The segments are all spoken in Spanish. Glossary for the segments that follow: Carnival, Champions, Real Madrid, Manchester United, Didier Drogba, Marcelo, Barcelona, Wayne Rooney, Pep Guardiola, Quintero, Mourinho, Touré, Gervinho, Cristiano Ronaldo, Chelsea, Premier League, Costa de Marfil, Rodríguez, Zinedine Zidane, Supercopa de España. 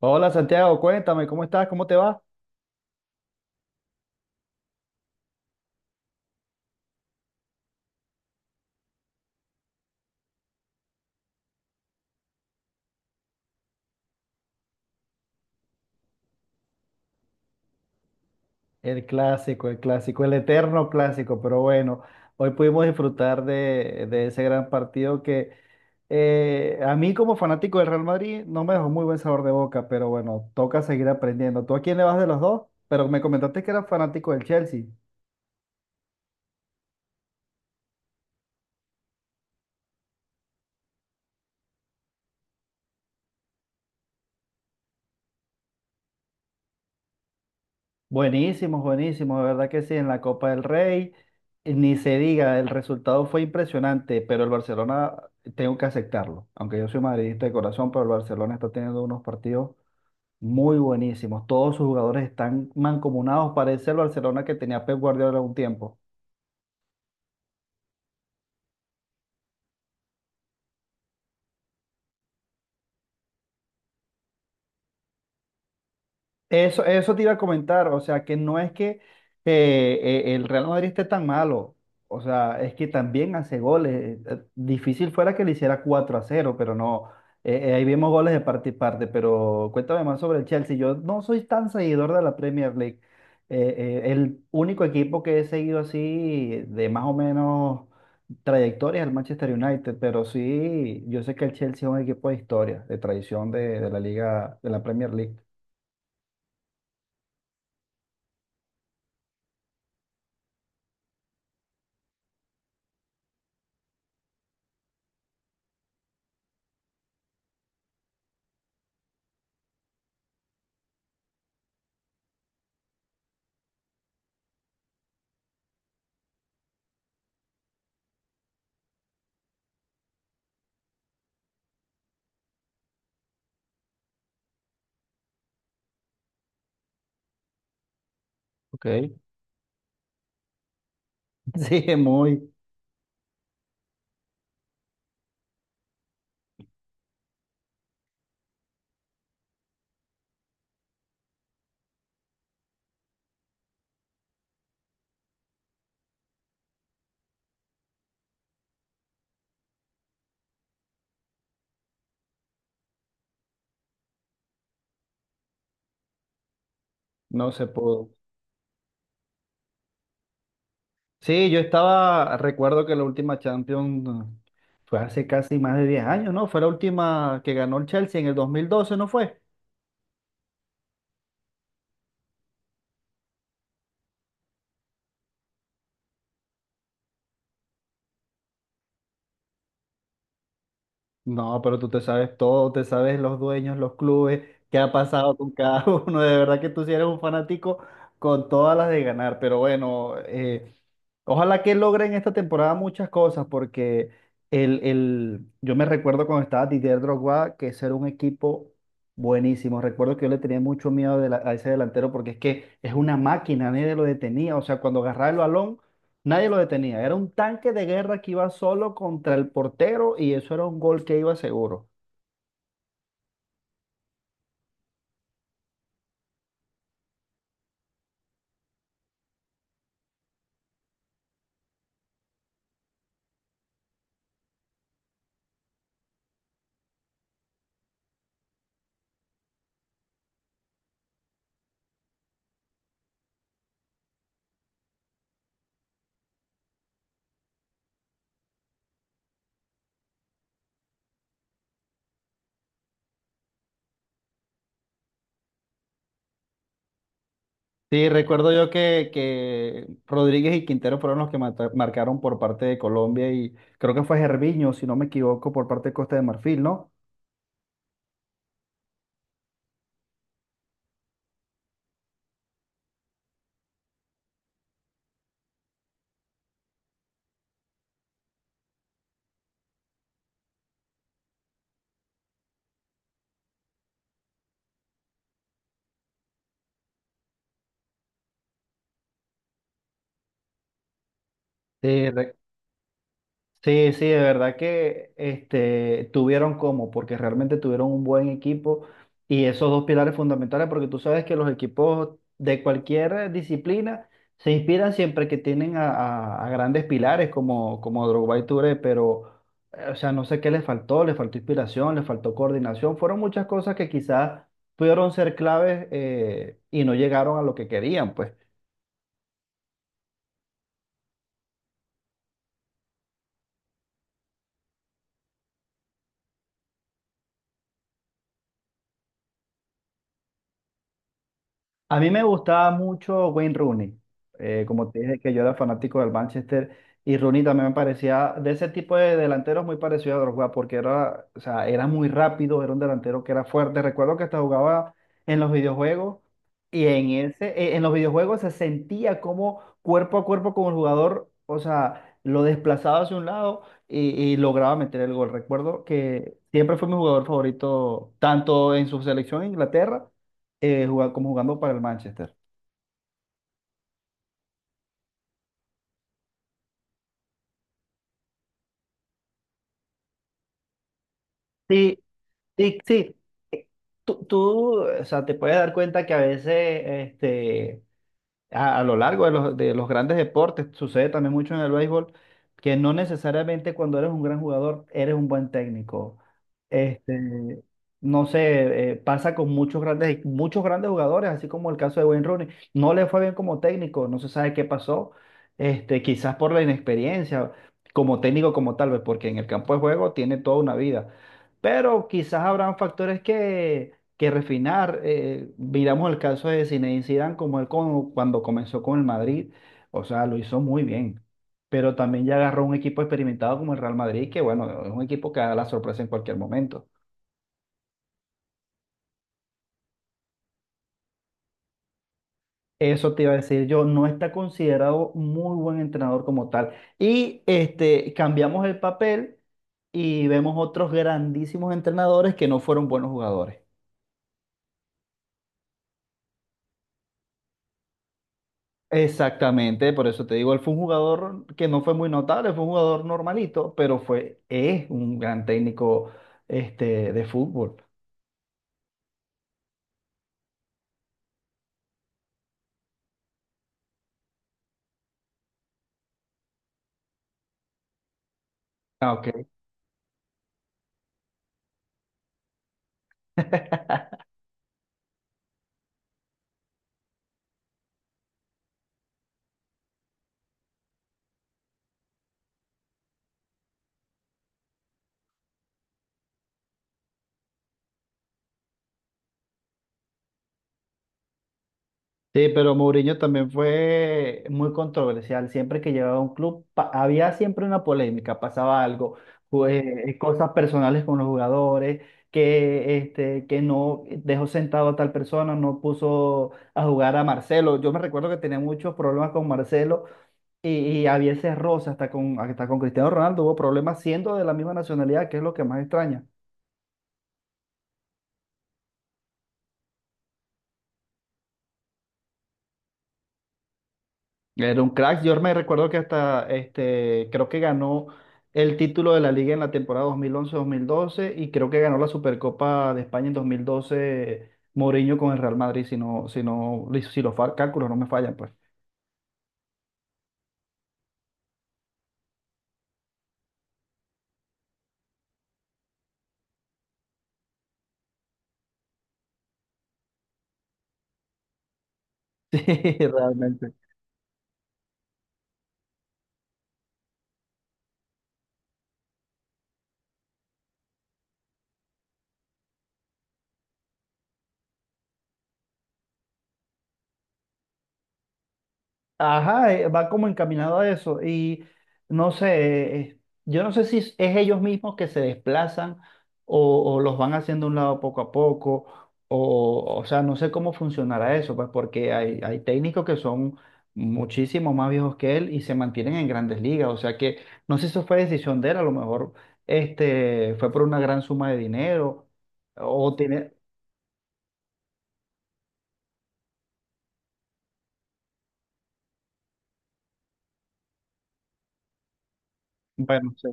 Hola Santiago, cuéntame, ¿cómo estás? ¿Cómo te va? El clásico, el clásico, el eterno clásico, pero bueno, hoy pudimos disfrutar de ese gran partido que a mí como fanático del Real Madrid no me dejó muy buen sabor de boca, pero bueno, toca seguir aprendiendo. ¿Tú a quién le vas de los dos? Pero me comentaste que eras fanático del Chelsea. Buenísimos, buenísimos, de verdad que sí, en la Copa del Rey, ni se diga, el resultado fue impresionante, pero el Barcelona, tengo que aceptarlo, aunque yo soy madridista de corazón, pero el Barcelona está teniendo unos partidos muy buenísimos, todos sus jugadores están mancomunados, parece el Barcelona que tenía Pep Guardiola un tiempo. Eso te iba a comentar, o sea, que no es que el Real Madrid esté tan malo, o sea, es que también hace goles. Difícil fuera que le hiciera 4 a cero pero no, ahí vemos goles de parte y parte, pero cuéntame más sobre el Chelsea. Yo no soy tan seguidor de la Premier League. Eh, el único equipo que he seguido así de más o menos trayectoria es el Manchester United, pero sí, yo sé que el Chelsea es un equipo de historia, de tradición de la liga, de la Premier League. Ok. Sí, muy, no se pudo. Sí, yo estaba, recuerdo que la última Champions fue hace casi más de 10 años, ¿no? Fue la última que ganó el Chelsea en el 2012, ¿no fue? No, pero tú te sabes todo, te sabes los dueños, los clubes, qué ha pasado con cada uno. De verdad que tú sí eres un fanático con todas las de ganar. Pero bueno, ojalá que logren esta temporada muchas cosas, porque yo me recuerdo cuando estaba Didier Drogba, que ese era un equipo buenísimo. Recuerdo que yo le tenía mucho miedo a ese delantero, porque es que es una máquina, nadie lo detenía. O sea, cuando agarraba el balón, nadie lo detenía. Era un tanque de guerra que iba solo contra el portero y eso era un gol que iba seguro. Sí, recuerdo yo que Rodríguez y Quintero fueron los que marcaron por parte de Colombia y creo que fue Gervinho, si no me equivoco, por parte de Costa de Marfil, ¿no? Sí, sí, sí, de verdad que este, tuvieron cómo, porque realmente tuvieron un buen equipo y esos dos pilares fundamentales, porque tú sabes que los equipos de cualquier disciplina se inspiran siempre que tienen a grandes pilares como, como Drogba y Touré, pero, o sea, no sé qué les faltó inspiración, les faltó coordinación, fueron muchas cosas que quizás pudieron ser claves, y no llegaron a lo que querían, pues. A mí me gustaba mucho Wayne Rooney, como te dije que yo era fanático del Manchester, y Rooney también me parecía de ese tipo de delanteros muy parecido a Drogba porque era, o sea, era muy rápido, era un delantero que era fuerte. Recuerdo que hasta jugaba en los videojuegos, y en ese, en los videojuegos se sentía como cuerpo a cuerpo con el jugador, o sea, lo desplazaba hacia un lado y lograba meter el gol. Recuerdo que siempre fue mi jugador favorito tanto en su selección en Inglaterra, como jugando para el Manchester. Sí, sí, sí. Eh, o sea, te puedes dar cuenta que a veces este, a lo largo de los grandes deportes, sucede también mucho en el béisbol, que no necesariamente cuando eres un gran jugador eres un buen técnico. Este, no sé, pasa con muchos grandes jugadores, así como el caso de Wayne Rooney. No le fue bien como técnico, no se sabe qué pasó, este, quizás por la inexperiencia, como técnico como tal vez, porque en el campo de juego tiene toda una vida. Pero quizás habrán factores que refinar. Miramos el caso de Zinedine Zidane como él cuando comenzó con el Madrid, o sea, lo hizo muy bien, pero también ya agarró un equipo experimentado como el Real Madrid, que bueno, es un equipo que da la sorpresa en cualquier momento. Eso te iba a decir yo, no está considerado muy buen entrenador como tal. Y este, cambiamos el papel y vemos otros grandísimos entrenadores que no fueron buenos jugadores. Exactamente, por eso te digo, él fue un jugador que no fue muy notable, fue un jugador normalito, pero fue, es un gran técnico, este, de fútbol. Ah, ok. Sí, pero Mourinho también fue muy controversial. Siempre que llegaba a un club, había siempre una polémica, pasaba algo, pues, cosas personales con los jugadores, que, este, que no dejó sentado a tal persona, no puso a jugar a Marcelo. Yo me recuerdo que tenía muchos problemas con Marcelo, Y, y había ese roce hasta con Cristiano Ronaldo, hubo problemas siendo de la misma nacionalidad, que es lo que más extraña. Era un crack, yo me recuerdo que hasta, este, creo que ganó el título de la liga en la temporada 2011-2012 y creo que ganó la Supercopa de España en 2012 Mourinho con el Real Madrid, si no, si no, si los cálculos no me fallan, pues. Sí, realmente. Ajá, va como encaminado a eso. Y no sé, yo no sé si es ellos mismos que se desplazan o los van haciendo a un lado poco a poco, o sea, no sé cómo funcionará eso, pues porque hay técnicos que son muchísimo más viejos que él y se mantienen en grandes ligas. O sea que no sé si eso fue decisión de él, a lo mejor este, fue por una gran suma de dinero o tiene, bueno, no sé.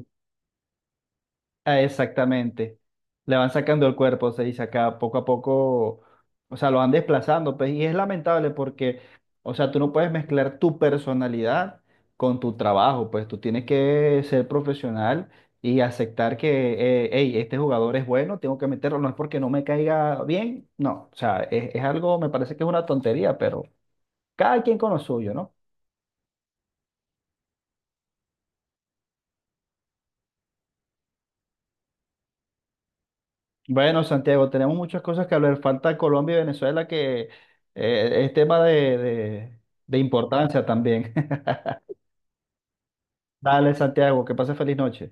Ah, exactamente. Le van sacando el cuerpo, se dice acá, poco a poco, o sea, lo van desplazando, pues, y es lamentable porque, o sea, tú no puedes mezclar tu personalidad con tu trabajo, pues tú tienes que ser profesional y aceptar que, hey, este jugador es bueno, tengo que meterlo, no es porque no me caiga bien, no, o sea, es algo, me parece que es una tontería, pero cada quien con lo suyo, ¿no? Bueno, Santiago, tenemos muchas cosas que hablar. Falta Colombia y Venezuela, que es tema de importancia también. Dale, Santiago, que pase feliz noche.